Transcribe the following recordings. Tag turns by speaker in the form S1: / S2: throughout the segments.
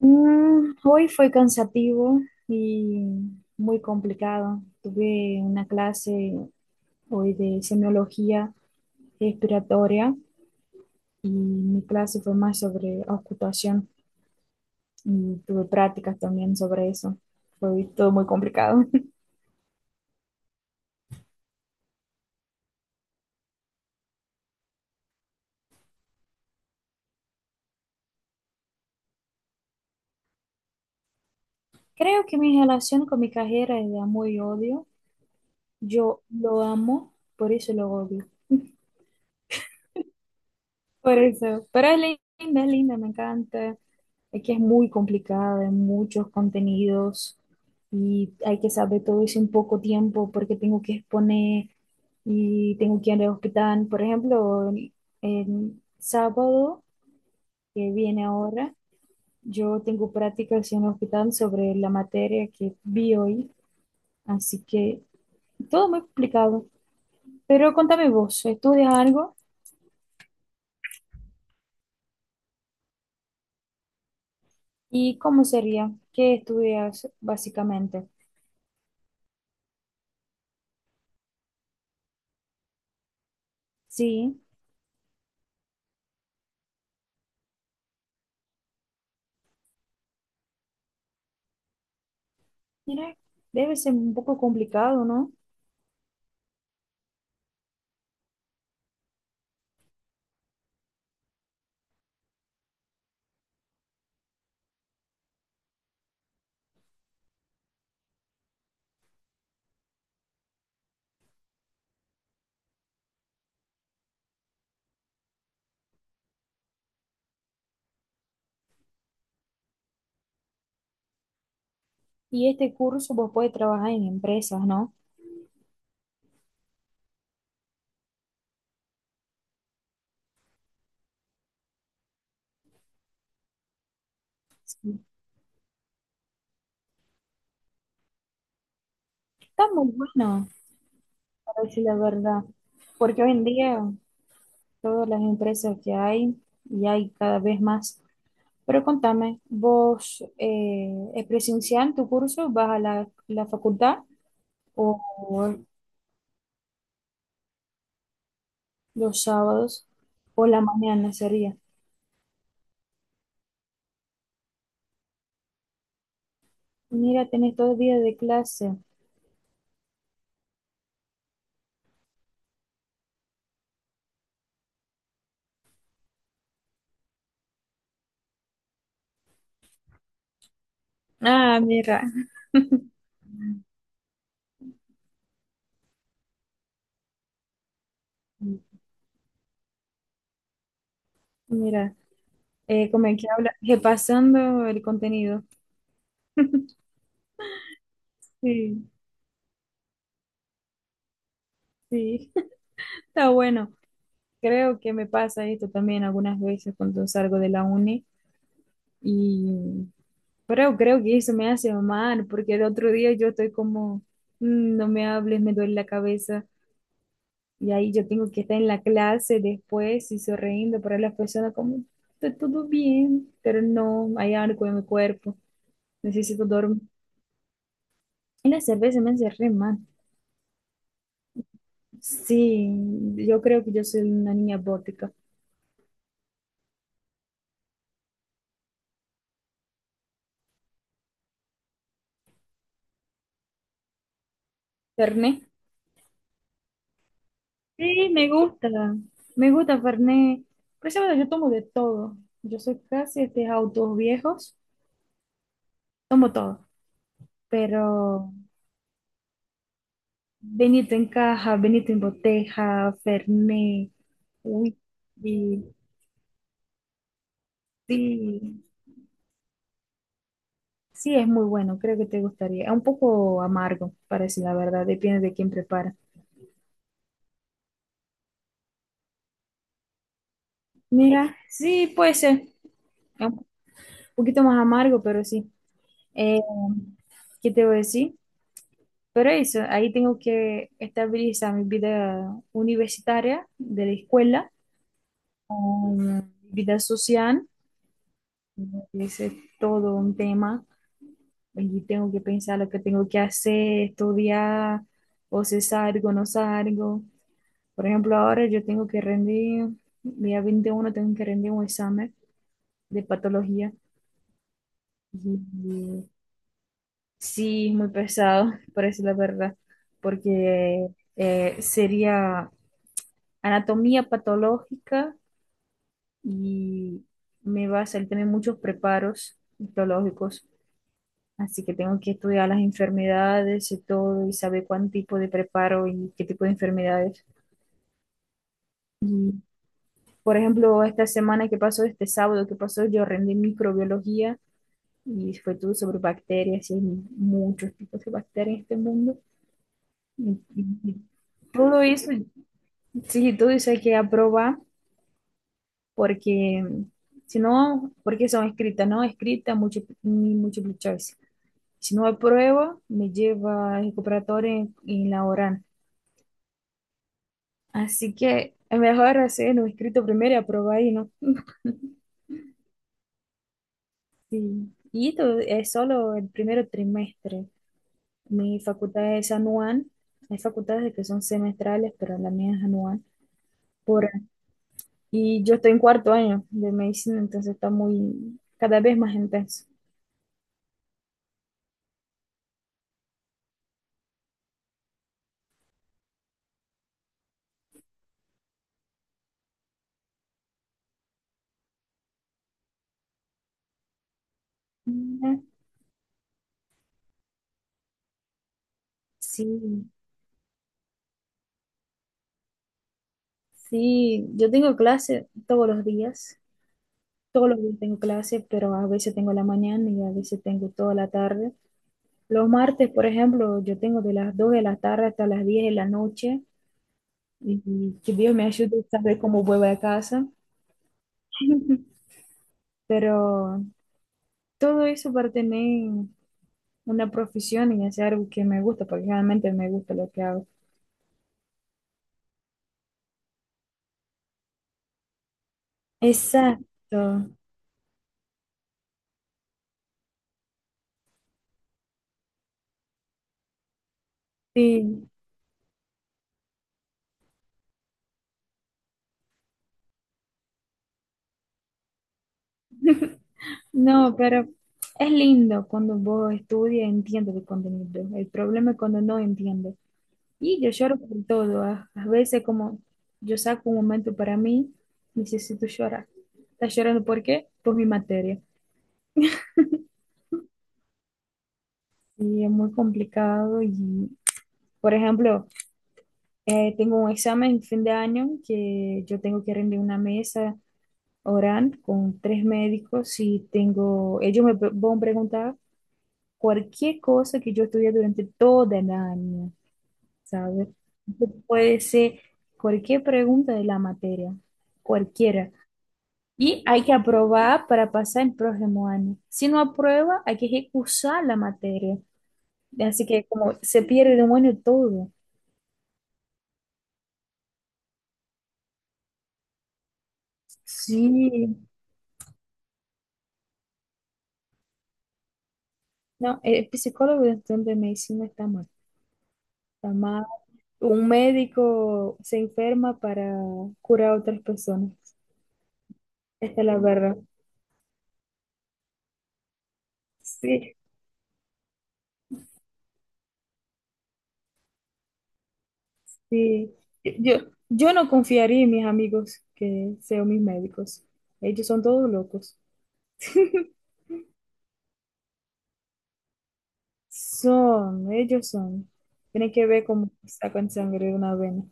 S1: Hoy fue cansativo y muy complicado. Tuve una clase hoy de semiología respiratoria y mi clase fue más sobre auscultación y tuve prácticas también sobre eso. Fue todo muy complicado. Creo que mi relación con mi carrera es de amor y odio. Yo lo amo, por eso lo odio. Por eso, pero es linda, me encanta. Es que es muy complicada, hay muchos contenidos y hay que saber todo eso en poco tiempo porque tengo que exponer y tengo que ir al hospital. Por ejemplo, el sábado que viene ahora, yo tengo prácticas en el hospital sobre la materia que vi hoy, así que todo muy complicado. Pero contame vos, ¿estudias algo? ¿Y cómo sería? ¿Qué estudias básicamente? Sí, mira, debe ser un poco complicado, ¿no? Y este curso vos podés trabajar en empresas, ¿no? Sí. Está muy bueno, para decir la verdad, porque hoy en día todas las empresas que hay y hay cada vez más. Pero contame, ¿vos es presencial tu curso? ¿Vas a la facultad o los sábados o la mañana sería? Mira, tenés 2 días de clase. Ah, mira. Mira, como que habla, repasando el contenido. Sí, sí. Está bueno. Creo que me pasa esto también algunas veces cuando salgo de la uni y pero creo que eso me hace mal porque el otro día yo estoy como, "Mm, no me hables, me duele la cabeza y ahí yo tengo que estar en la clase después y sonriendo para las personas como, está todo bien, pero no, hay algo en mi cuerpo, necesito dormir." Y la cerveza me hace re mal. Sí, yo creo que yo soy una niña bótica. ¿Terné? Sí, me gusta Fernet. Por eso bueno, yo tomo de todo. Yo soy casi este autos viejos, tomo todo. Pero Benito en caja, Benito en boteja, Fernet, whisky, sí, sí, sí, es muy bueno, creo que te gustaría. Es un poco amargo, para decir la verdad, depende de quién prepara. Mira, sí, puede ser, es un poquito más amargo, pero sí. Eh, ¿Qué te voy a decir? Pero eso, ahí tengo que estabilizar mi vida universitaria de la escuela con mi vida social. Ese es todo un tema. Y tengo que pensar lo que tengo que hacer, estudiar, o si salgo, no salgo. Por ejemplo, ahora yo tengo que rendir, día 21 tengo que rendir un examen de patología. Y y sí, es muy pesado, por eso la verdad, porque sería anatomía patológica y me va a salir también muchos preparos histológicos, así que tengo que estudiar las enfermedades y todo y saber cuán tipo de preparo y qué tipo de enfermedades. Por ejemplo, esta semana que pasó, este sábado que pasó, yo rendí microbiología y fue todo sobre bacterias y hay muchos tipos de bacterias en este mundo. Y todo eso, sí, todo eso hay que aprobar porque si no, porque son escritas, no escritas, ni múltiple choice. Si no apruebo, me lleva el recuperatorio en la oral. Así que es mejor hacer un escrito primero y aprobar ahí, ¿no? Sí. Y esto es solo el primer trimestre. Mi facultad es anual. Hay facultades que son semestrales, pero la mía es anual. Por, y yo estoy en cuarto año de medicina, entonces está muy, cada vez más intenso. Mm. Sí. Sí, yo tengo clase todos los días. Todos los días tengo clase, pero a veces tengo la mañana y a veces tengo toda la tarde. Los martes, por ejemplo, yo tengo de las 2 de la tarde hasta las 10 de la noche y que Dios me ayude a saber cómo vuelvo a casa. Pero todo eso para tener una profesión y hacer algo que me gusta, porque realmente me gusta lo que hago. Exacto, sí. No, pero es lindo cuando vos estudias y entiendes el contenido. El problema es cuando no entiendes. Y yo lloro por todo. A veces, como yo saco un momento para mí, necesito llorar. ¿Estás llorando por qué? Por mi materia. Y es muy complicado. Y, por ejemplo, tengo un examen en fin de año que yo tengo que rendir una mesa oral con tres médicos y tengo, ellos van a preguntar cualquier cosa que yo estudié durante todo el año. ¿Sabes? Entonces, puede ser cualquier pregunta de la materia, cualquiera. Y hay que aprobar para pasar el próximo año. Si no aprueba, hay que recursar la materia. Así que como se pierde de un año todo. Sí, no, el psicólogo dentro de medicina está mal. Está mal. Un médico se enferma para curar a otras personas. Esta es la verdad. Sí. Sí, yo, yo no confiaría en mis amigos que sean mis médicos. Ellos son todos locos. Ellos son. Tienen que ver cómo sacan sangre de una vena.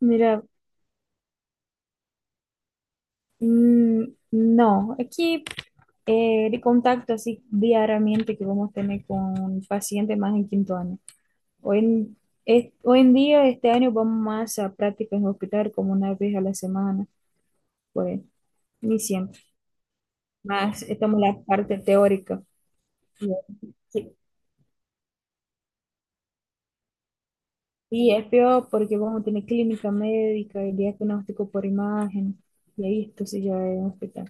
S1: Mira, mm, no, aquí el contacto así diariamente que vamos a tener con pacientes más en quinto año. Hoy en, Hoy en día, este año vamos más a prácticas en hospital como una vez a la semana, pues ni siempre. Más estamos en la parte teórica. Y es peor porque vamos a tener clínica médica y diagnóstico por imagen. Y ahí esto se lleva a un hospital.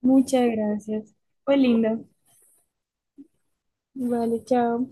S1: Muchas gracias. Fue lindo. Vale, chao.